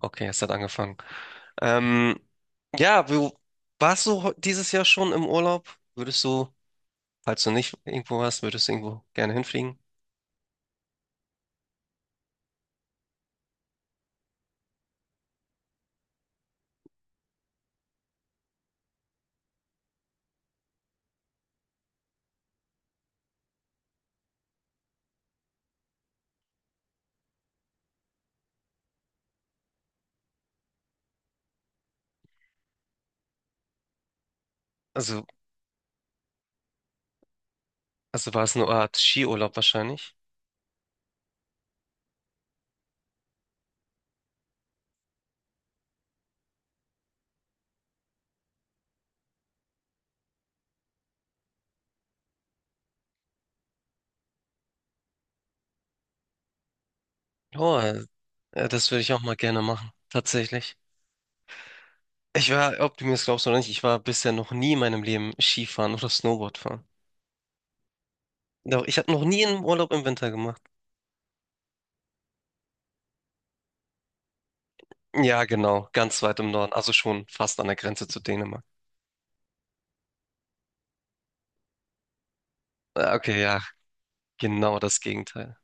Okay, es hat angefangen. Ähm, ja, du warst du heu- dieses Jahr schon im Urlaub? Würdest du, Falls du nicht irgendwo warst, würdest du irgendwo gerne hinfliegen? Also, also war es eine Art Skiurlaub wahrscheinlich? Oh, das würde ich auch mal gerne machen, tatsächlich. Ob du mir das glaubst oder nicht, ich war bisher noch nie in meinem Leben Skifahren oder Snowboard fahren. Doch, ich habe noch nie einen Urlaub im Winter gemacht. Ja, genau, ganz weit im Norden, also schon fast an der Grenze zu Dänemark. Okay, ja, genau das Gegenteil.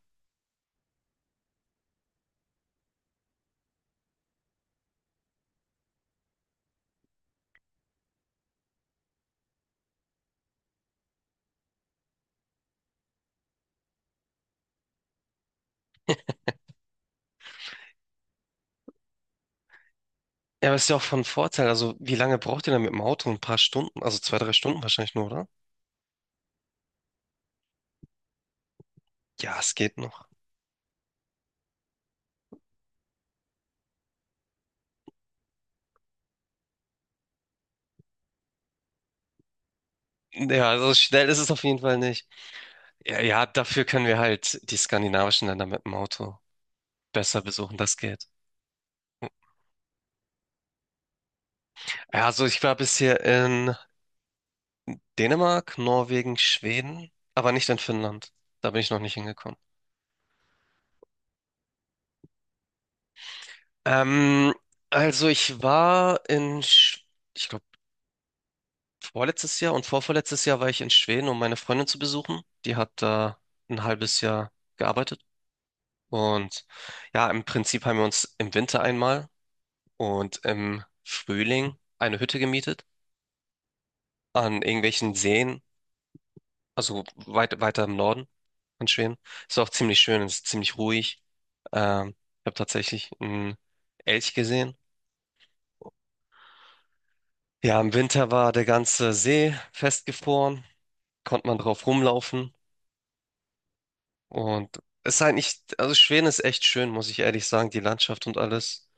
Ja, aber ist ja auch von Vorteil. Also, wie lange braucht ihr denn mit dem Auto? Ein paar Stunden? Also zwei, drei Stunden wahrscheinlich nur, oder? Ja, es geht noch. Ja, also schnell ist es auf jeden Fall nicht. Ja, ja, dafür können wir halt die skandinavischen Länder mit dem Auto besser besuchen. Das geht. Ja, also ich war bisher in Dänemark, Norwegen, Schweden, aber nicht in Finnland. Da bin ich noch nicht hingekommen. Ähm, also ich war ich glaube, vorletztes Jahr und vorvorletztes Jahr war ich in Schweden, um meine Freundin zu besuchen. Die hat da ein halbes Jahr gearbeitet. Und ja, im Prinzip haben wir uns im Winter einmal und im Frühling eine Hütte gemietet an irgendwelchen Seen, also weiter im Norden von Schweden. Ist auch ziemlich schön, ist ziemlich ruhig. Ich habe tatsächlich einen Elch gesehen. Ja, im Winter war der ganze See festgefroren, konnte man drauf rumlaufen. Und es ist halt nicht, also Schweden ist echt schön, muss ich ehrlich sagen, die Landschaft und alles.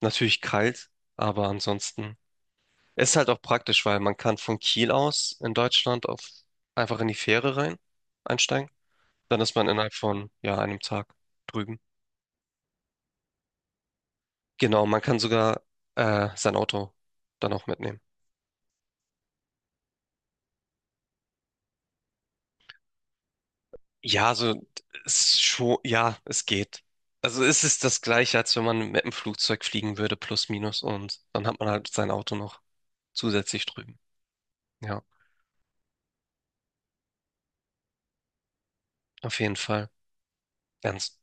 Natürlich kalt, aber ansonsten ist halt auch praktisch, weil man kann von Kiel aus in Deutschland auf einfach in die Fähre rein einsteigen. Dann ist man innerhalb von ja einem Tag drüben. Genau, man kann sogar sein Auto dann auch mitnehmen. Ja, also es schon, ja, es geht. Also es ist das Gleiche, als wenn man mit dem Flugzeug fliegen würde, plus minus, und dann hat man halt sein Auto noch zusätzlich drüben. Ja. Auf jeden Fall. Ganz.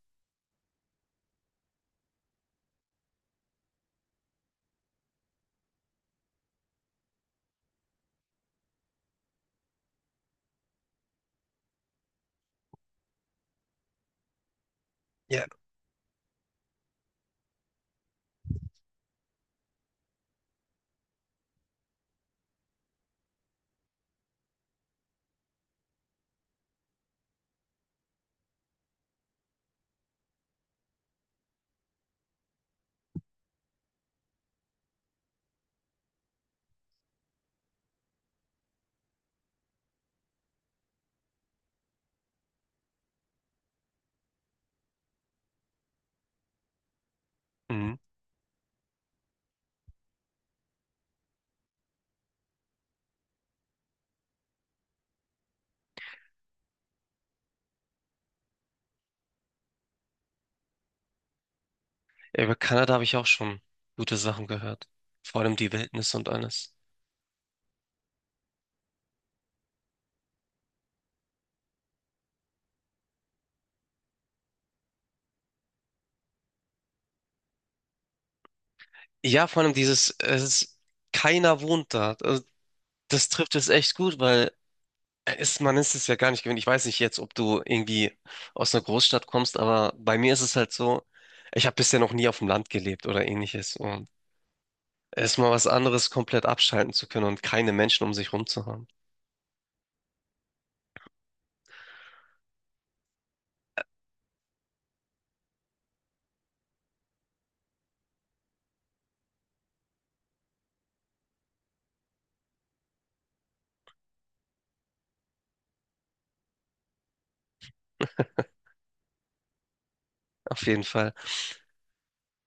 Ja. Mhm. Ja, über Kanada habe ich auch schon gute Sachen gehört. Vor allem die Wildnis und alles. Ja, vor allem dieses, es ist, keiner wohnt da. Also, das trifft es echt gut, weil es, man ist es ja gar nicht gewöhnt. Ich weiß nicht jetzt, ob du irgendwie aus einer Großstadt kommst, aber bei mir ist es halt so, ich habe bisher noch nie auf dem Land gelebt oder ähnliches. Und es ist mal was anderes, komplett abschalten zu können und keine Menschen um sich rum zu haben. Auf jeden Fall.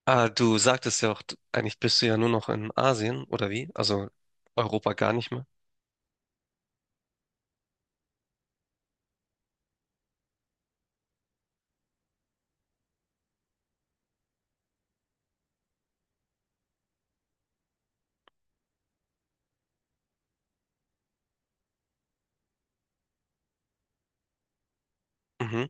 Ah, du sagtest ja auch, eigentlich bist du ja nur noch in Asien, oder wie? Also Europa gar nicht mehr. Mhm.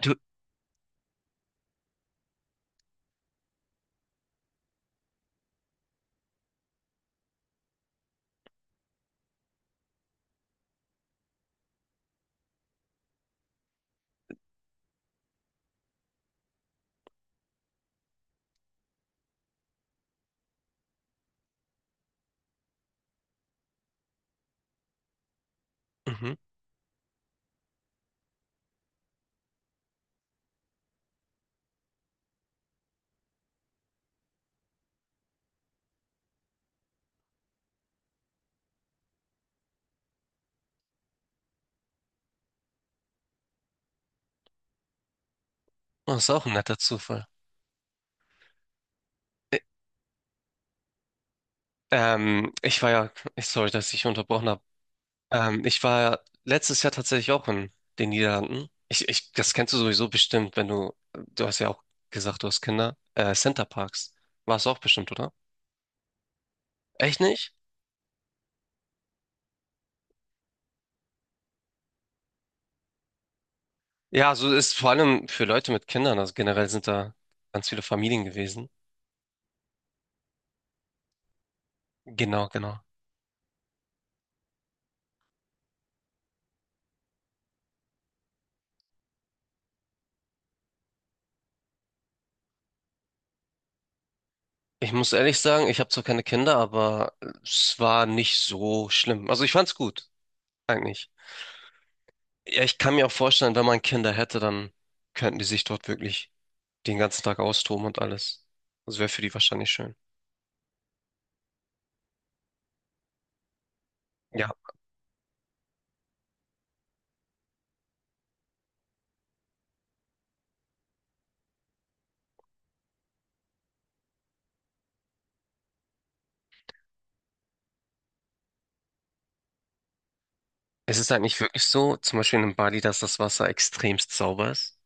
Du, mhm. Oh, das ist auch ein netter Zufall. Ä- ich war ja, ich, sorry, dass ich unterbrochen habe. Ich war letztes Jahr tatsächlich auch in den Niederlanden. Das kennst du sowieso bestimmt, wenn du hast ja auch gesagt, du hast Kinder. Centerparks. War es auch bestimmt, oder? Echt nicht? Ja, so ist vor allem für Leute mit Kindern, also generell sind da ganz viele Familien gewesen. Genau, genau. Ich muss ehrlich sagen, ich habe zwar keine Kinder, aber es war nicht so schlimm. Also ich fand's gut, eigentlich. Ja, ich kann mir auch vorstellen, wenn man Kinder hätte, dann könnten die sich dort wirklich den ganzen Tag austoben und alles. Das wäre für die wahrscheinlich schön. Ja, es ist halt nicht wirklich so, zum Beispiel in Bali, dass das Wasser extremst sauber ist.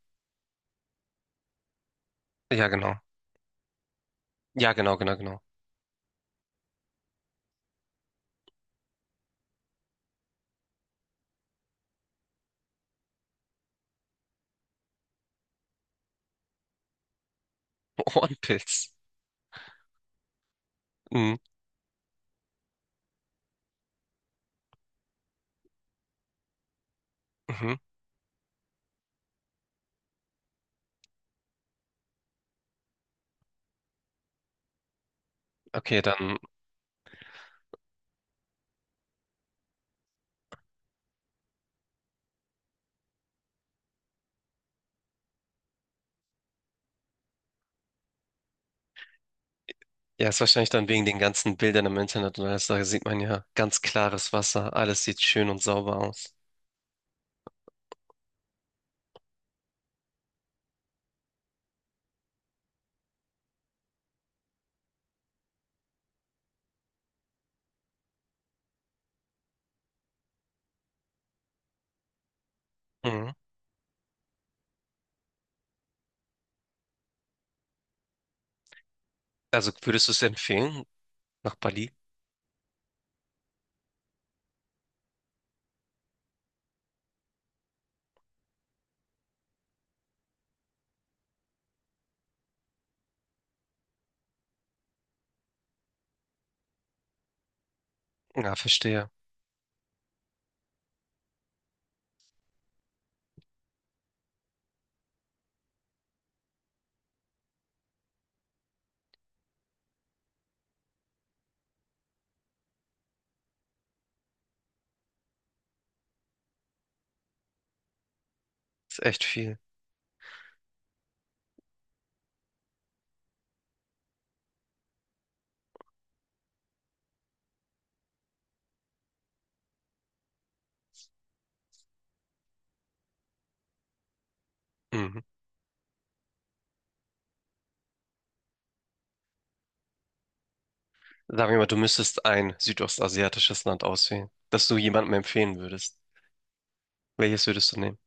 Ja, genau. Ja, genau. Ohrenpilz. Mhm. Mhm. Okay, dann, ja, ist wahrscheinlich dann wegen den ganzen Bildern im Internet und alles, da sieht man ja ganz klares Wasser, alles sieht schön und sauber aus. Mhm. Also würdest du es empfehlen nach Bali? Ja, verstehe. Ist echt viel. Mhm. Sagen wir mal, du müsstest ein südostasiatisches Land auswählen, das du jemandem empfehlen würdest. Welches würdest du nehmen?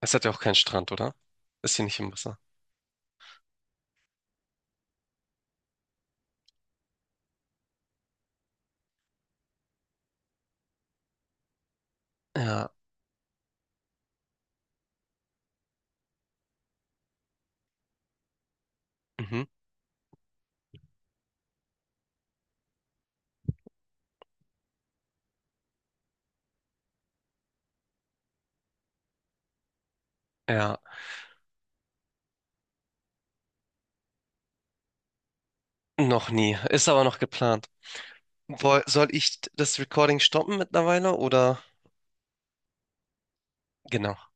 Es hat ja auch keinen Strand, oder? Ist hier nicht im Wasser. Ja, mhm. Ja, noch nie. Ist aber noch geplant. Woll, soll ich das Recording stoppen mittlerweile oder? Genau.